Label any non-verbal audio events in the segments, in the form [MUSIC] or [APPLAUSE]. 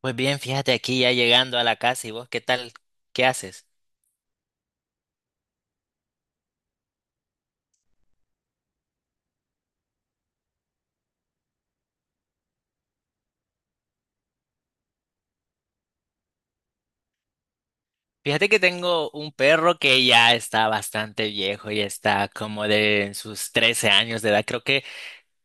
Pues bien, fíjate aquí ya llegando a la casa y vos, ¿qué tal? ¿Qué haces? Fíjate que tengo un perro que ya está bastante viejo, ya está como de en sus 13 años de edad. Creo que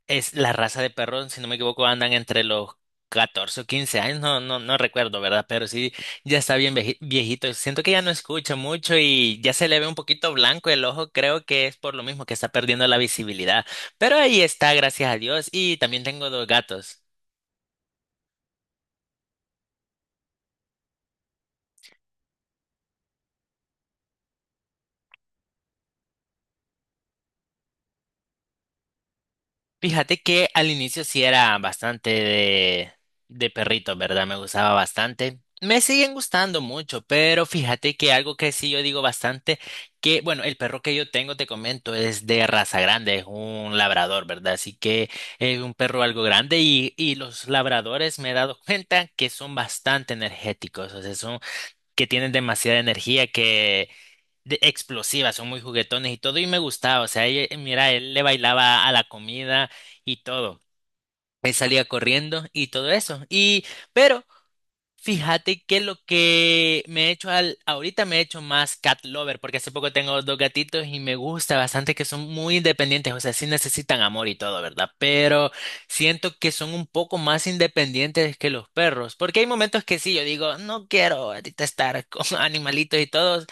es la raza de perro, si no me equivoco, andan entre los 14 o 15 años, no recuerdo, ¿verdad? Pero sí, ya está bien viejito. Siento que ya no escucha mucho y ya se le ve un poquito blanco el ojo. Creo que es por lo mismo que está perdiendo la visibilidad. Pero ahí está, gracias a Dios. Y también tengo dos gatos. Fíjate que al inicio sí era bastante de perrito, ¿verdad? Me gustaba bastante. Me siguen gustando mucho, pero fíjate que algo que sí yo digo bastante, que bueno, el perro que yo tengo, te comento, es de raza grande, es un labrador, ¿verdad? Así que es un perro algo grande y los labradores me he dado cuenta que son bastante energéticos, o sea, son que tienen demasiada energía que explosivas, son muy juguetones y todo, y me gustaba, o sea, mira, él le bailaba a la comida y todo. Él salía corriendo y todo eso. Y, pero fíjate que lo que me he hecho ahorita me he hecho más cat lover, porque hace poco tengo dos gatitos y me gusta bastante que son muy independientes, o sea, sí necesitan amor y todo, ¿verdad? Pero siento que son un poco más independientes que los perros, porque hay momentos que sí, yo digo, no quiero ahorita estar con [LAUGHS] animalitos y todos,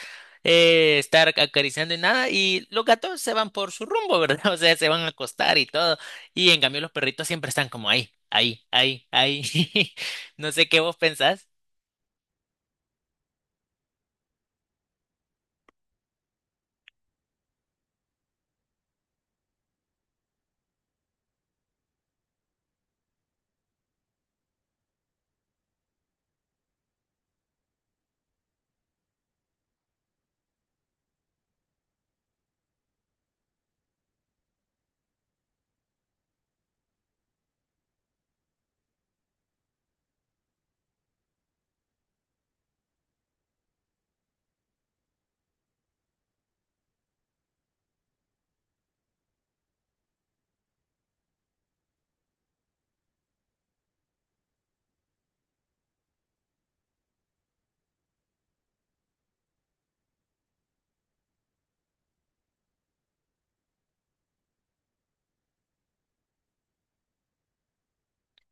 estar acariciando y nada, y los gatos se van por su rumbo, ¿verdad? [LAUGHS] O sea, se van a acostar y todo, y en cambio los perritos siempre están como ahí, ahí, ahí, ahí. [LAUGHS] No sé qué vos pensás.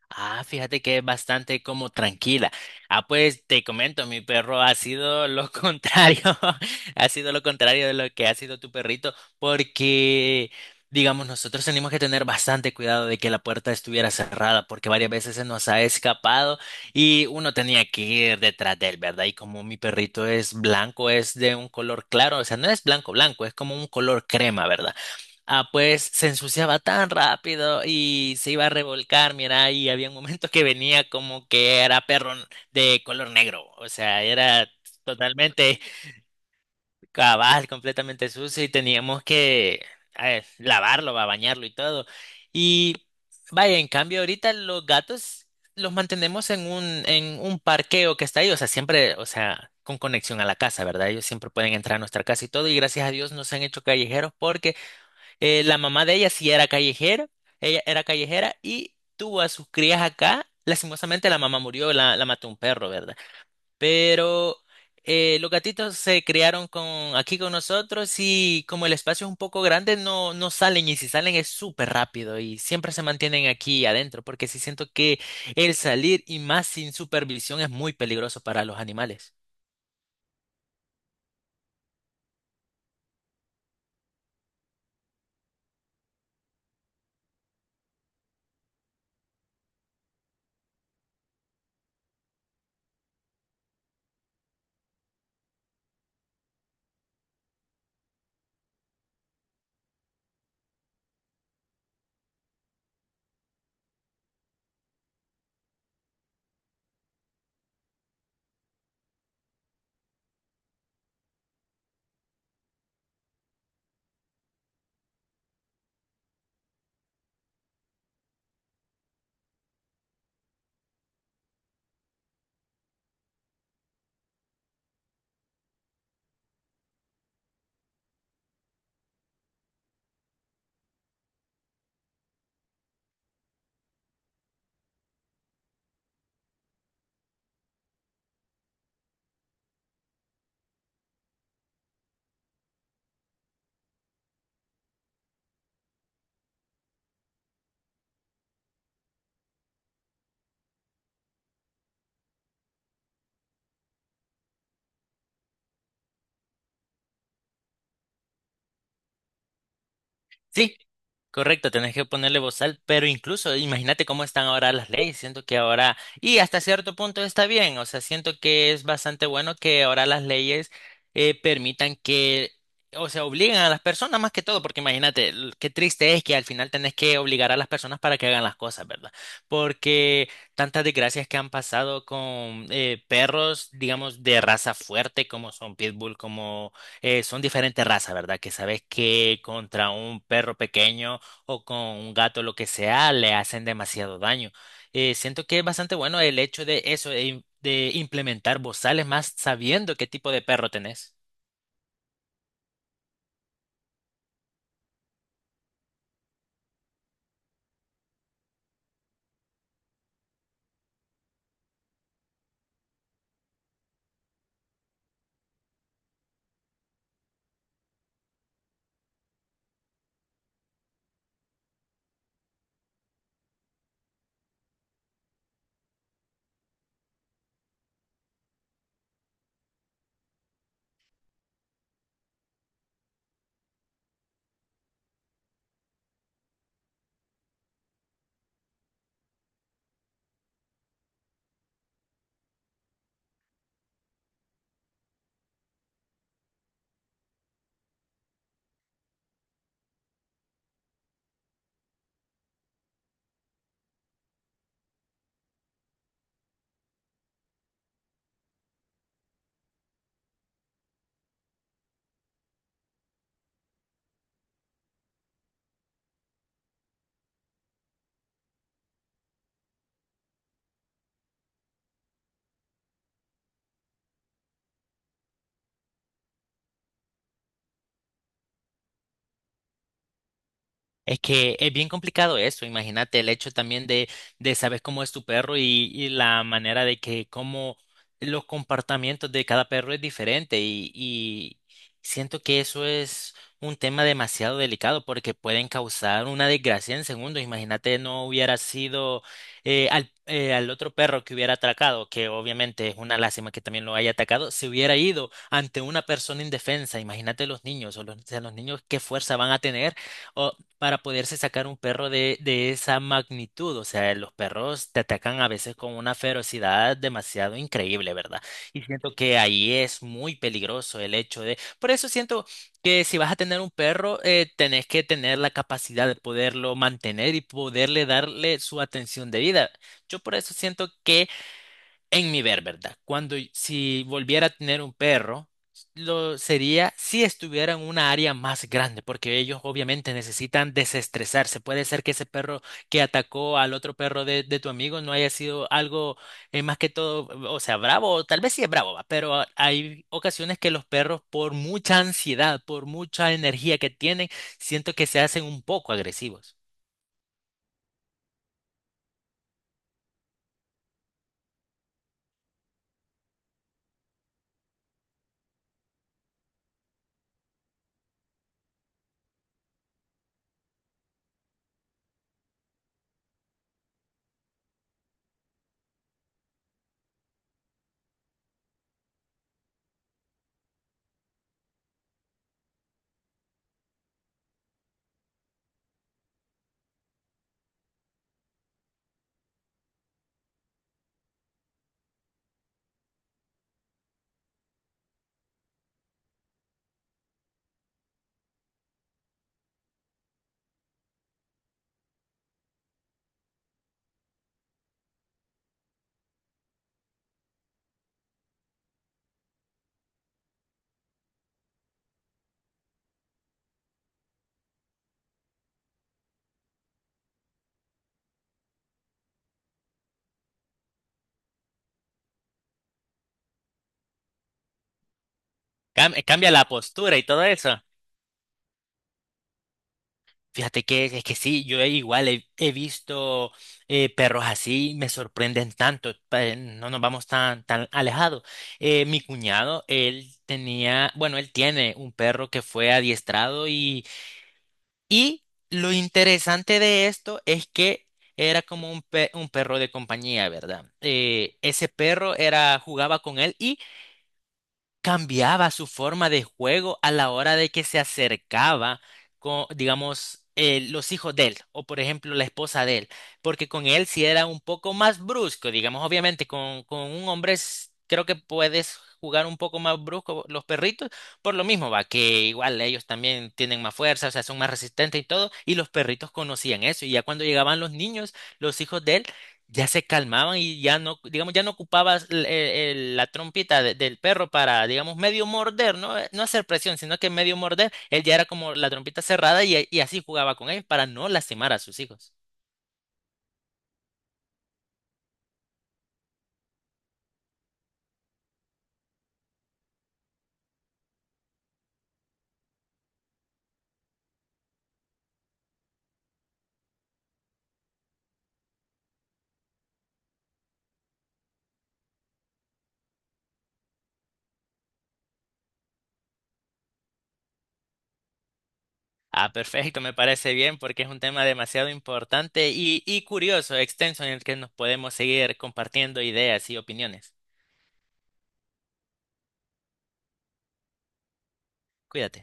Ah, fíjate que es bastante como tranquila. Ah, pues te comento, mi perro ha sido lo [LAUGHS] contrario, [LAUGHS] ha sido lo contrario de lo que ha sido tu perrito, porque, digamos, nosotros tenemos que tener bastante cuidado de que la puerta estuviera cerrada, porque varias veces se nos ha escapado y uno tenía que ir detrás de él, ¿verdad? Y como mi perrito es blanco, es de un color claro, o sea, no es blanco, blanco, es como un color crema, ¿verdad? Ah, pues se ensuciaba tan rápido y se iba a revolcar, mira, y había un momento que venía como que era de color negro, o sea, era totalmente cabal, completamente sucio y teníamos que lavarlo, va, bañarlo y todo. Y vaya, en cambio ahorita los gatos los mantenemos en en un parqueo que está ahí, o sea, siempre, o sea, con conexión a la casa, ¿verdad? Ellos siempre pueden entrar a nuestra casa y todo, y gracias a Dios no se han hecho callejeros porque... la mamá de ella sí era callejera, ella era callejera y tuvo a sus crías acá. Lastimosamente la mamá murió, la mató un perro, ¿verdad? Pero los gatitos se criaron con, aquí con nosotros y como el espacio es un poco grande, no salen y si salen es súper rápido y siempre se mantienen aquí adentro porque sí siento que el salir y más sin supervisión es muy peligroso para los animales. Sí. Correcto, tenés que ponerle bozal, pero incluso imagínate cómo están ahora las leyes, siento que ahora, y hasta cierto punto está bien, o sea, siento que es bastante bueno que ahora las leyes permitan que, o sea, obliguen a las personas más que todo, porque imagínate, qué triste es que al final tenés que obligar a las personas para que hagan las cosas, ¿verdad? Porque tantas desgracias que han pasado con perros, digamos, de raza fuerte, como son pitbull, como son diferentes razas, ¿verdad? Que sabes que contra un perro pequeño o con un gato, lo que sea, le hacen demasiado daño. Siento que es bastante bueno el hecho de eso, de, de implementar bozales más sabiendo qué tipo de perro tenés. Es que es bien complicado eso, imagínate el hecho también de saber cómo es tu perro y la manera de que cómo los comportamientos de cada perro es diferente y siento que eso es un tema demasiado delicado porque pueden causar una desgracia en segundos. Imagínate no hubiera sido al otro perro que hubiera atracado, que obviamente es una lástima que también lo haya atacado, se hubiera ido ante una persona indefensa. Imagínate los niños o los, o sea, los niños qué fuerza van a tener. O para poderse sacar un perro de esa magnitud. O sea, los perros te atacan a veces con una ferocidad demasiado increíble, ¿verdad? Y siento que ahí es muy peligroso el hecho de... Por eso siento que si vas a tener un perro, tenés que tener la capacidad de poderlo mantener y poderle darle su atención debida. Yo por eso siento que en mi ver, ¿verdad? Cuando si volviera a tener un perro, lo sería si estuviera en una área más grande, porque ellos obviamente necesitan desestresarse. Puede ser que ese perro que atacó al otro perro de tu amigo no haya sido algo más que todo, o sea, bravo, o tal vez sí es bravo, va, pero hay ocasiones que los perros, por mucha ansiedad, por mucha energía que tienen, siento que se hacen un poco agresivos. Cambia la postura y todo eso. Fíjate que es que sí, yo igual he visto perros así, me sorprenden tanto, no nos vamos tan, tan alejados. Mi cuñado, él tenía, bueno, él tiene un perro que fue adiestrado y lo interesante de esto es que era como un, un perro de compañía, ¿verdad? Ese perro era, jugaba con él cambiaba su forma de juego a la hora de que se acercaba con, digamos, los hijos de él o, por ejemplo, la esposa de él, porque con él sí era un poco más brusco, digamos, obviamente con un hombre creo que puedes jugar un poco más brusco los perritos, por lo mismo va, que igual ellos también tienen más fuerza, o sea, son más resistentes y todo, y los perritos conocían eso, y ya cuando llegaban los niños, los hijos de él, ya se calmaban y ya no, digamos, ya no ocupabas la trompita del perro para, digamos, medio morder, ¿no? No hacer presión, sino que medio morder, él ya era como la trompita cerrada y así jugaba con ellos para no lastimar a sus hijos. Ah, perfecto, me parece bien porque es un tema demasiado importante y curioso, extenso, en el que nos podemos seguir compartiendo ideas y opiniones. Cuídate.